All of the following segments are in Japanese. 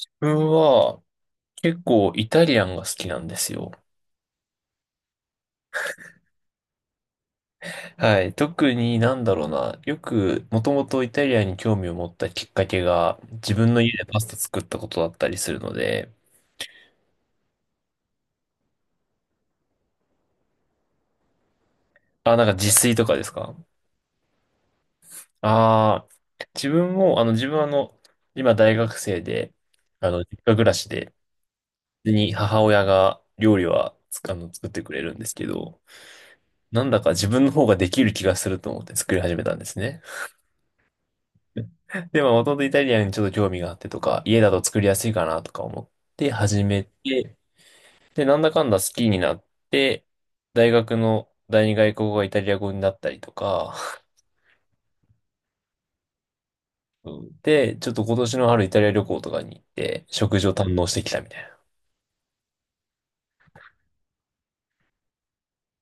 自分は結構イタリアンが好きなんですよ。はい。特になんだろうな。よく、もともとイタリアンに興味を持ったきっかけが、自分の家でパスタ作ったことだったりするので、あ、なんか自炊とかですか？ああー、自分は今大学生で、実家暮らしで、普通に母親が料理はつ、あの、作ってくれるんですけど、なんだか自分の方ができる気がすると思って作り始めたんですね。で、まあ、もともとイタリアンにちょっと興味があってとか、家だと作りやすいかなとか思って始めて、で、なんだかんだ好きになって、大学の第二外国語がイタリア語になったりとか、うん。で、ちょっと今年の春イタリア旅行とかに行って、食事を堪能してきたみたいな。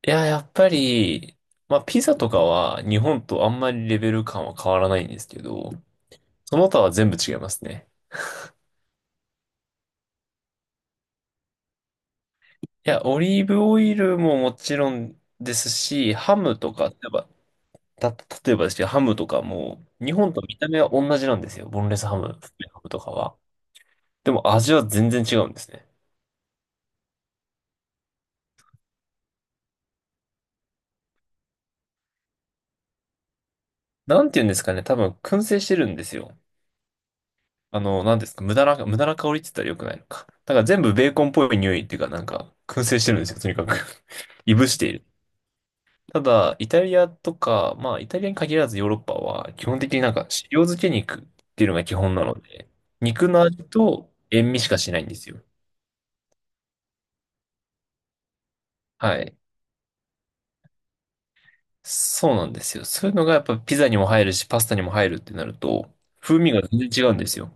いや、やっぱり、まあ、ピザとかは日本とあんまりレベル感は変わらないんですけど、その他は全部違いますね。いや、オリーブオイルももちろんですし、ハムとか、やっぱた例えばですけど、ハムとかも、日本と見た目は同じなんですよ。ボンレスハム、フライハムとかは。でも味は全然違うんですね。なんて言うんですかね。多分、燻製してるんですよ。なんですか。無駄な香りって言ったら良くないのか。だから全部ベーコンっぽい匂いっていうか、なんか、燻製してるんですよ。とにかく いぶしている。ただ、イタリアとか、まあ、イタリアに限らずヨーロッパは、基本的になんか、塩漬け肉っていうのが基本なので、肉の味と塩味しかしないんですよ。はい。そうなんですよ。そういうのがやっぱピザにも入るし、パスタにも入るってなると、風味が全然違うんですよ。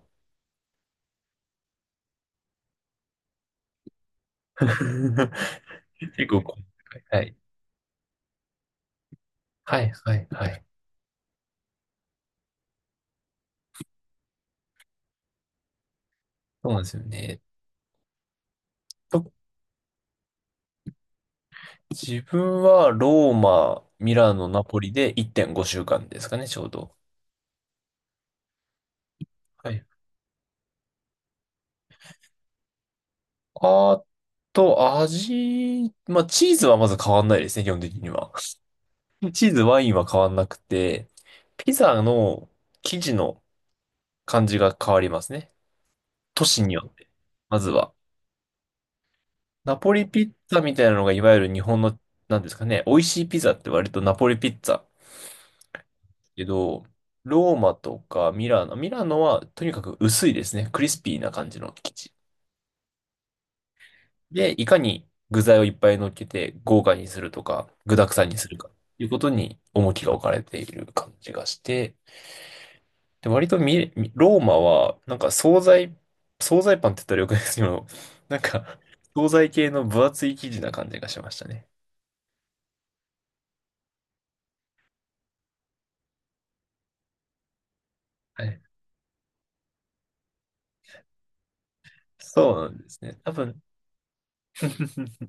結構こう、はい。はい、はい、はい。そうなんですよね。と自分はローマ、ミラノ、ナポリで1.5週間ですかね、ちょうど。はい。あと、まあ、チーズはまず変わんないですね、基本的には。チーズ、ワインは変わんなくて、ピザの生地の感じが変わりますね。都市によって。まずは。ナポリピッツァみたいなのがいわゆる日本の、なんですかね、美味しいピザって割とナポリピッツァけど、ローマとかミラノはとにかく薄いですね。クリスピーな感じの生地。で、いかに具材をいっぱい乗っけて豪華にするとか、具沢山にするか、いうことに重きが置かれている感じがして、で、割とミローマは、なんか惣菜パンって言ったらよくないですけど、なんか、惣菜系の分厚い生地な感じがしましたね。はい、そうなんですね。多分、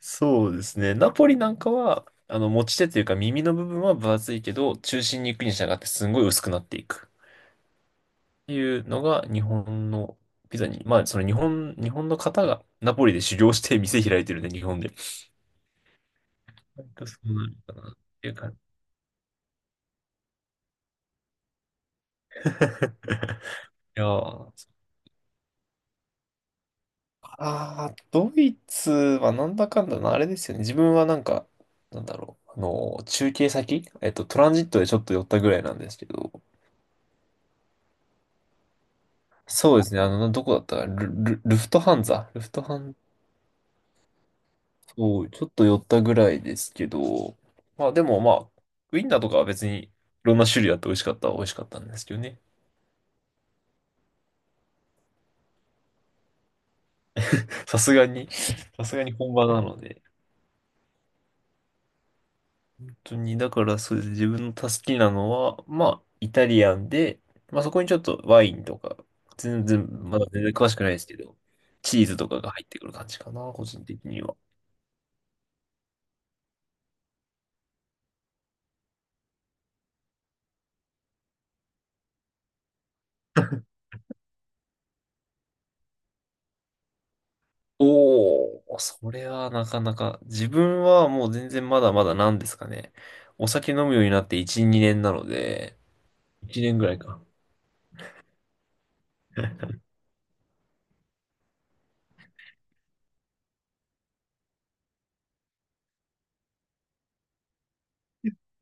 そうですね。ナポリなんかは、持ち手というか耳の部分は分厚いけど、中心に行くに従ってすんごい薄くなっていく。っていうのが日本のピザに、まあ、日本の方がナポリで修行して店開いてるんで、日本で。割とそうなのかなっていう感じ。いやー、あー、ドイツはなんだかんだな、あれですよね。自分はなんか、なんだろう。あの、中継先、えっと、トランジットでちょっと寄ったぐらいなんですけど、そうですね。どこだったかなルフトハンザルフトハン、そう、ちょっと寄ったぐらいですけど、まあでもまあ、ウインナーとかは別にいろんな種類あって美味しかったは美味しかったんですけどね。さすがに、さすがに本場なので。本当に、だからそうですね自分の好きなのは、まあ、イタリアンで、まあそこにちょっとワインとか、まだ全然詳しくないですけど、チーズとかが入ってくる感じかな、個人的には。おお、それはなかなか、自分はもう全然まだまだなんですかね。お酒飲むようになって1、2年なので、1年ぐらいか。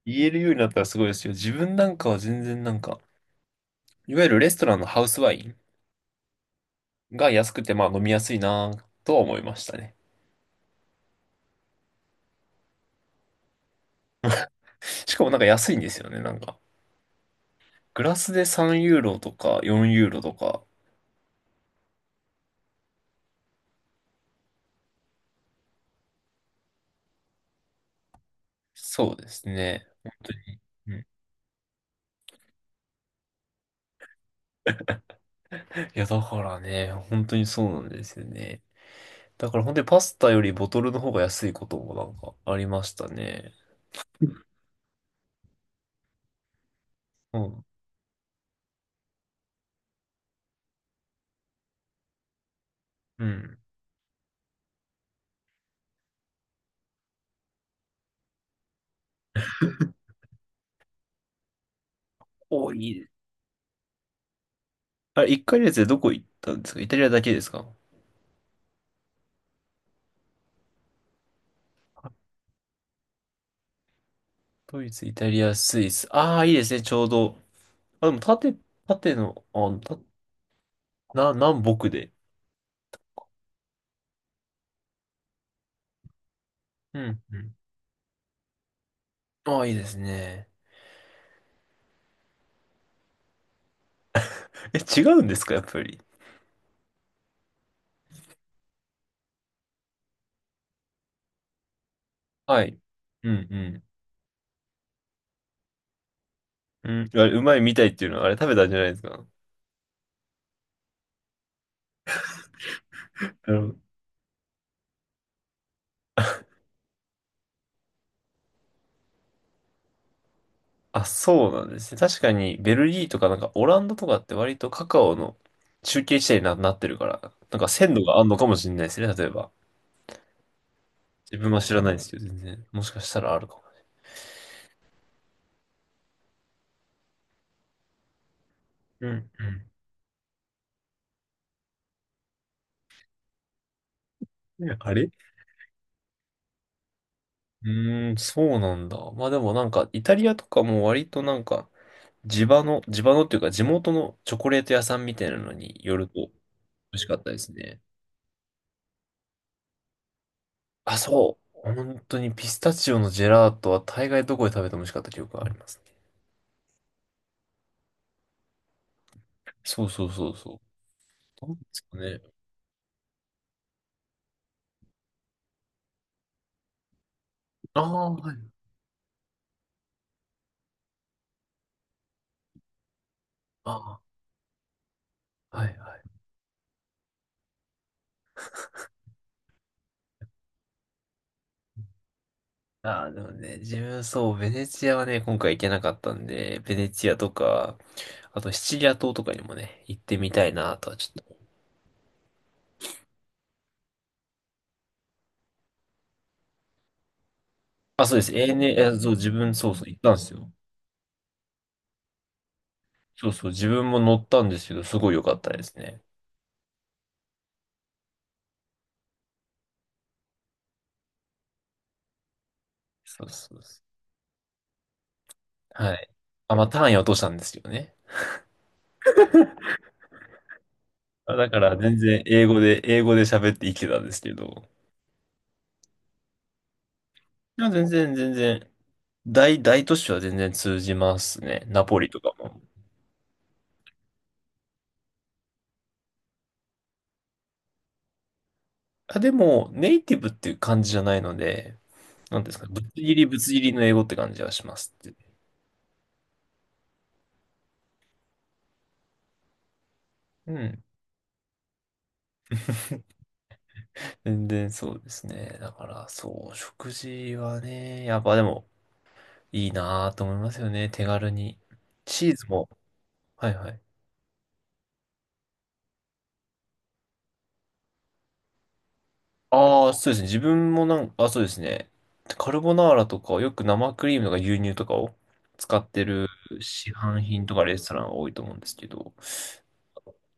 言えるようになったらすごいですよ。自分なんかは全然なんか、いわゆるレストランのハウスワインが安くてまあ飲みやすいなとは思いましたね。しかもなんか安いんですよね。なんか、グラスで3ユーロとか4ユーロとか、そうですね。本当に。うん、いや、だからね、本当にそうなんですよね。だから本当にパスタよりボトルの方が安いこともなんかありましたね。うん。うん。お、いい。あれ、一回のつでどこ行ったんですか？イタリアだけですか？ドイツ、イタリア、スイス。ああ、いいですね、ちょうど。あ、でも縦の、南北で。うん、うん。ああ、いいですね。え、違うんですか？やっぱり。はい。うん、うん。うん、あれ、うまいみたいっていうのは、あれ食べたんじゃないですか？うん、あ、そうなんですね。確かに、ベルギーとかなんかオランダとかって割とカカオの中継地点になってるから、なんか鮮度があるのかもしれないですね、例えば。自分は知らないですけど、全然。もしかしたらあるかも。うんうん。あれ、うーん、そうなんだ。まあでもなんか、イタリアとかも割となんか、地場の、地場のっていうか地元のチョコレート屋さんみたいなのによると美味しかったですね。あ、そう。本当にピスタチオのジェラートは大概どこで食べても美味しかった記憶がありますね。そうそうそうそう。どうですかね。ああ、はい。ああ、はい、はい。ああ、でもね、自分そう、ベネチアはね、今回行けなかったんで、ベネチアとか、あとシチリア島とかにもね、行ってみたいなとはちょっと。あ、そうです。a n えそう、自分、そうそう、行ったんですよ。そうそう、自分も乗ったんですけど、すごい良かったですね。そうそうそう。はい。あ、まあ、単位は落としたんですけどね。あ、だから、全然、英語で喋って生きてたんですけど、いや、全然、大都市は全然通じますね。ナポリとかも。あ、でも、ネイティブっていう感じじゃないので、なんていうんですか、ぶつ切りぶつ切りの英語って感じはしますって。うん。全然そうですね。だから、そう、食事はね、やっぱでも、いいなぁと思いますよね。手軽に。チーズも、はいはい。ああ、そうですね。自分もなんか、あ、そうですね。カルボナーラとかよく生クリームとか牛乳とかを使ってる市販品とかレストランが多いと思うんですけど、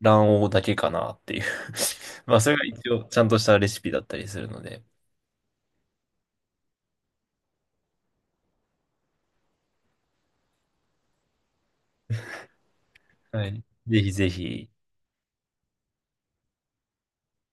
卵黄だけかなっていう まあ、それが一応、ちゃんとしたレシピだったりするので、はい。ぜひぜひ、